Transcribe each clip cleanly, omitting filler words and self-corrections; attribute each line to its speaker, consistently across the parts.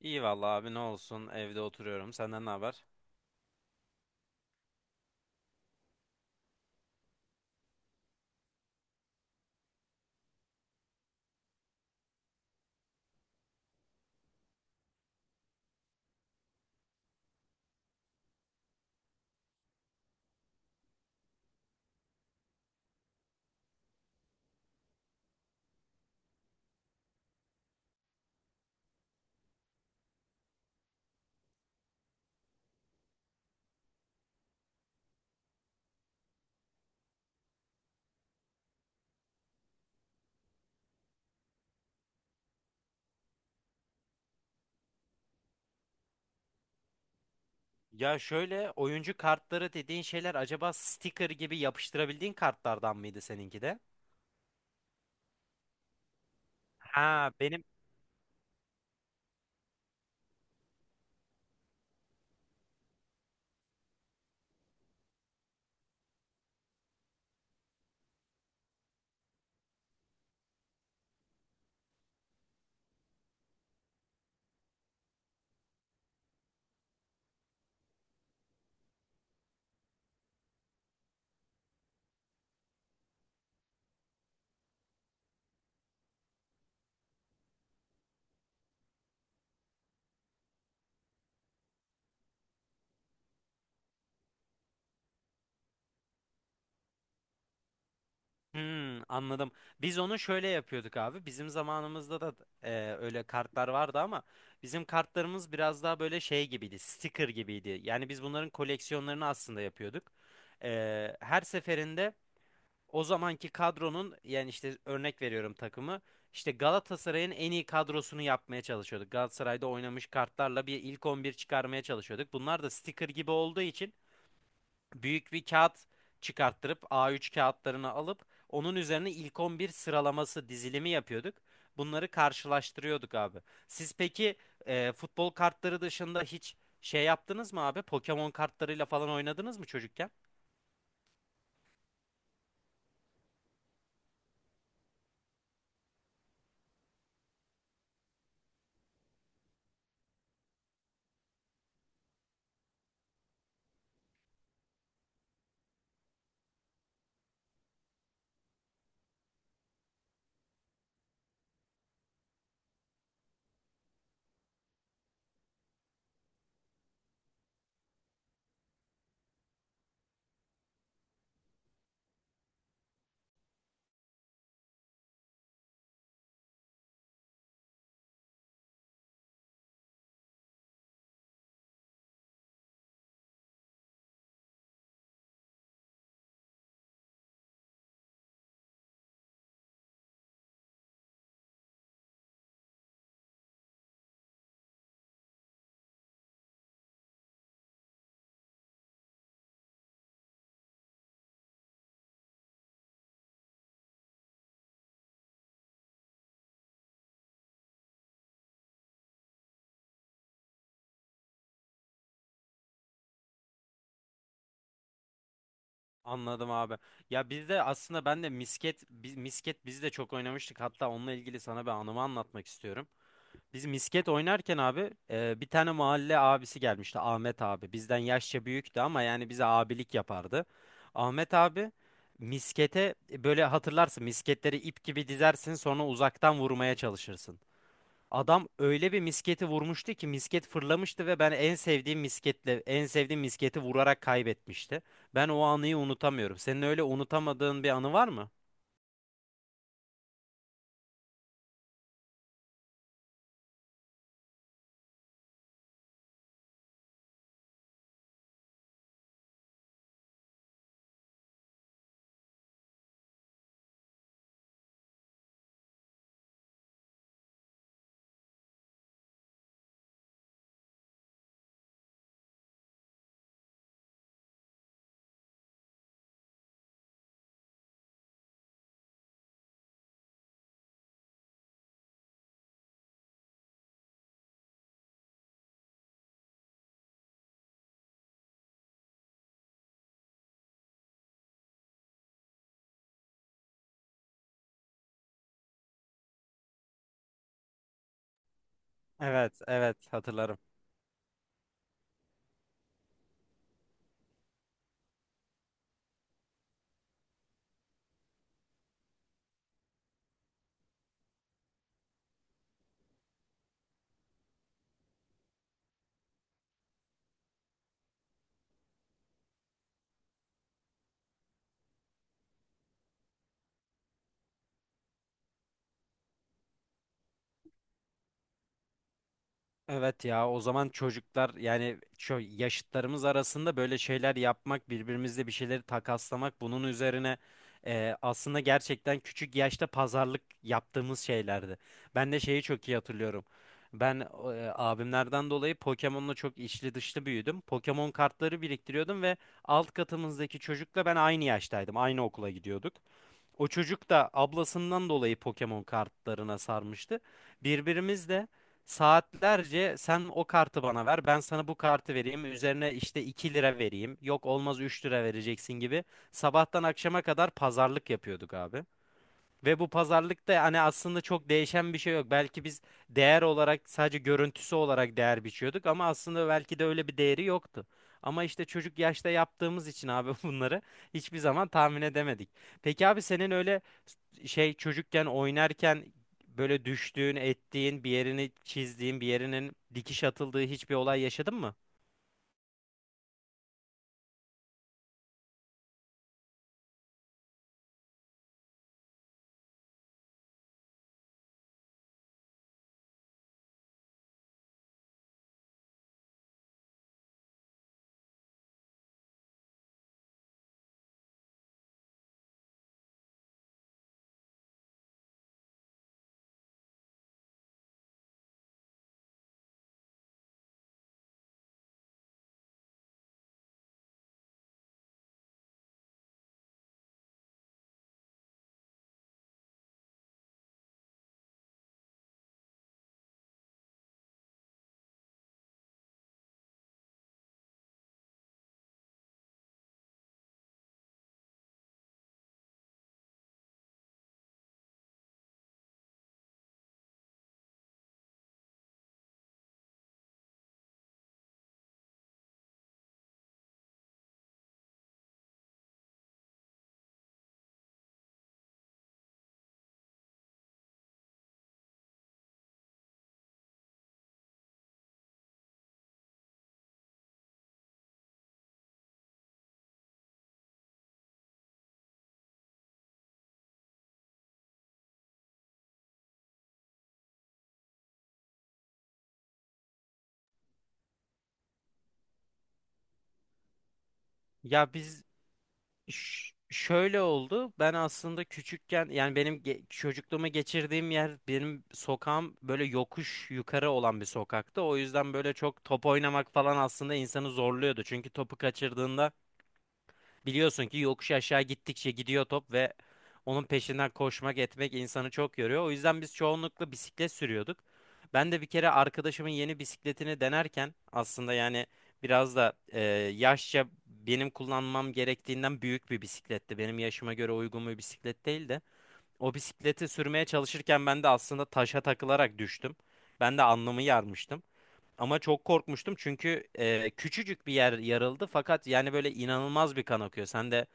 Speaker 1: İyi vallahi abi ne olsun evde oturuyorum. Senden ne haber? Ya şöyle oyuncu kartları dediğin şeyler acaba sticker gibi yapıştırabildiğin kartlardan mıydı seninki de? Ha benim. Hmm, anladım. Biz onu şöyle yapıyorduk abi. Bizim zamanımızda da e, öyle kartlar vardı ama bizim kartlarımız biraz daha böyle şey gibiydi, sticker gibiydi. Yani biz bunların koleksiyonlarını aslında yapıyorduk. Her seferinde o zamanki kadronun yani işte örnek veriyorum takımı işte Galatasaray'ın en iyi kadrosunu yapmaya çalışıyorduk. Galatasaray'da oynamış kartlarla bir ilk 11 çıkarmaya çalışıyorduk. Bunlar da sticker gibi olduğu için büyük bir kağıt çıkarttırıp A3 kağıtlarını alıp onun üzerine ilk 11 sıralaması dizilimi yapıyorduk. Bunları karşılaştırıyorduk abi. Siz peki futbol kartları dışında hiç şey yaptınız mı abi? Pokemon kartlarıyla falan oynadınız mı çocukken? Anladım abi. Ya biz de aslında ben de misket biz, misket biz de çok oynamıştık. Hatta onunla ilgili sana bir anımı anlatmak istiyorum. Biz misket oynarken abi bir tane mahalle abisi gelmişti, Ahmet abi. Bizden yaşça büyüktü ama yani bize abilik yapardı. Ahmet abi miskete, böyle hatırlarsın, misketleri ip gibi dizersin sonra uzaktan vurmaya çalışırsın. Adam öyle bir misketi vurmuştu ki misket fırlamıştı ve ben en sevdiğim misketle en sevdiğim misketi vurarak kaybetmişti. Ben o anıyı unutamıyorum. Senin öyle unutamadığın bir anı var mı? Evet, evet, hatırlarım. Evet, ya o zaman çocuklar yani şu yaşıtlarımız arasında böyle şeyler yapmak, birbirimizle bir şeyleri takaslamak, bunun üzerine aslında gerçekten küçük yaşta pazarlık yaptığımız şeylerdi. Ben de şeyi çok iyi hatırlıyorum. Ben abimlerden dolayı Pokemon'la çok içli dışlı büyüdüm. Pokemon kartları biriktiriyordum ve alt katımızdaki çocukla ben aynı yaştaydım. Aynı okula gidiyorduk. O çocuk da ablasından dolayı Pokemon kartlarına sarmıştı. Birbirimizle saatlerce sen o kartı bana ver, ben sana bu kartı vereyim, üzerine işte 2 lira vereyim, yok olmaz 3 lira vereceksin gibi sabahtan akşama kadar pazarlık yapıyorduk abi. Ve bu pazarlıkta hani aslında çok değişen bir şey yok. Belki biz değer olarak, sadece görüntüsü olarak değer biçiyorduk ama aslında belki de öyle bir değeri yoktu. Ama işte çocuk yaşta yaptığımız için abi bunları hiçbir zaman tahmin edemedik. Peki abi, senin öyle şey çocukken oynarken böyle düştüğün, ettiğin, bir yerini çizdiğin, bir yerinin dikiş atıldığı hiçbir olay yaşadın mı? Ya biz Şöyle oldu. Ben aslında küçükken, yani benim çocukluğumu geçirdiğim yer, benim sokağım böyle yokuş yukarı olan bir sokaktı. O yüzden böyle çok top oynamak falan aslında insanı zorluyordu. Çünkü topu kaçırdığında biliyorsun ki yokuş aşağı gittikçe gidiyor top ve onun peşinden koşmak etmek insanı çok yoruyor. O yüzden biz çoğunlukla bisiklet sürüyorduk. Ben de bir kere arkadaşımın yeni bisikletini denerken, aslında yani biraz da yaşça benim kullanmam gerektiğinden büyük bir bisikletti. Benim yaşıma göre uygun bir bisiklet değil de o bisikleti sürmeye çalışırken ben de aslında taşa takılarak düştüm. Ben de alnımı yarmıştım. Ama çok korkmuştum çünkü küçücük bir yer yarıldı fakat yani böyle inanılmaz bir kan akıyor. Sen de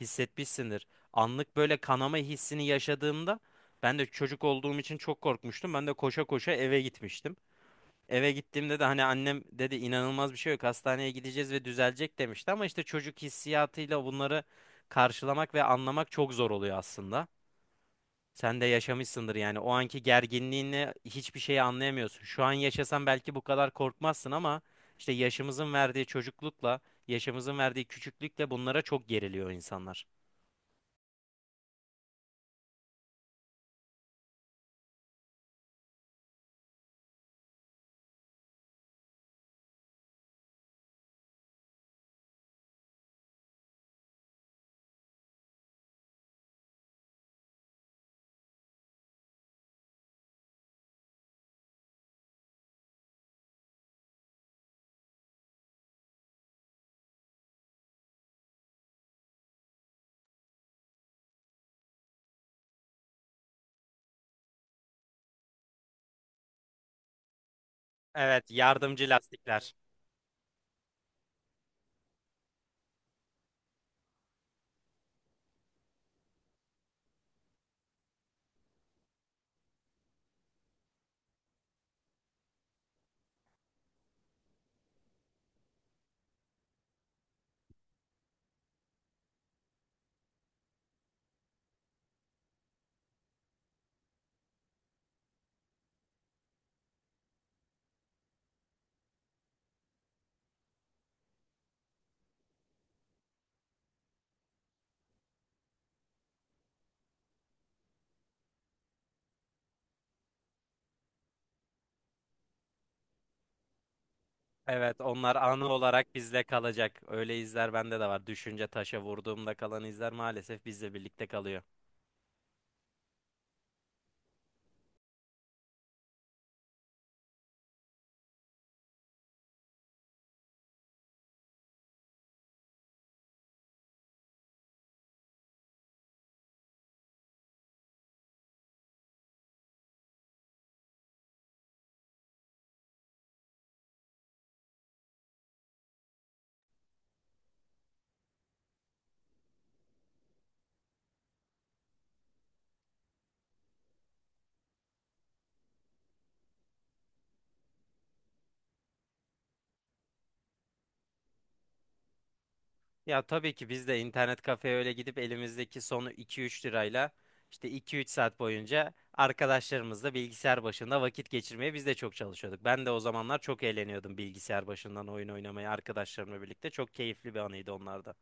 Speaker 1: hissetmişsindir. Anlık böyle kanama hissini yaşadığımda ben de çocuk olduğum için çok korkmuştum. Ben de koşa koşa eve gitmiştim. Eve gittiğimde de hani annem dedi inanılmaz bir şey yok, hastaneye gideceğiz ve düzelecek demişti. Ama işte çocuk hissiyatıyla bunları karşılamak ve anlamak çok zor oluyor aslında. Sen de yaşamışsındır yani, o anki gerginliğini, hiçbir şeyi anlayamıyorsun. Şu an yaşasan belki bu kadar korkmazsın ama işte yaşımızın verdiği çocuklukla, yaşımızın verdiği küçüklükle bunlara çok geriliyor insanlar. Evet, yardımcı lastikler. Evet, onlar anı olarak bizle kalacak. Öyle izler bende de var. Düşünce taşa vurduğumda kalan izler maalesef bizle birlikte kalıyor. Ya tabii ki biz de internet kafeye öyle gidip elimizdeki sonu iki üç lirayla işte iki üç saat boyunca arkadaşlarımızla bilgisayar başında vakit geçirmeye biz de çok çalışıyorduk. Ben de o zamanlar çok eğleniyordum bilgisayar başından oyun oynamaya arkadaşlarımla birlikte. Çok keyifli bir anıydı onlarda.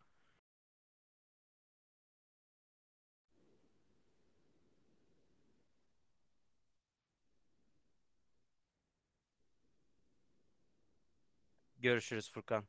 Speaker 1: Görüşürüz Furkan.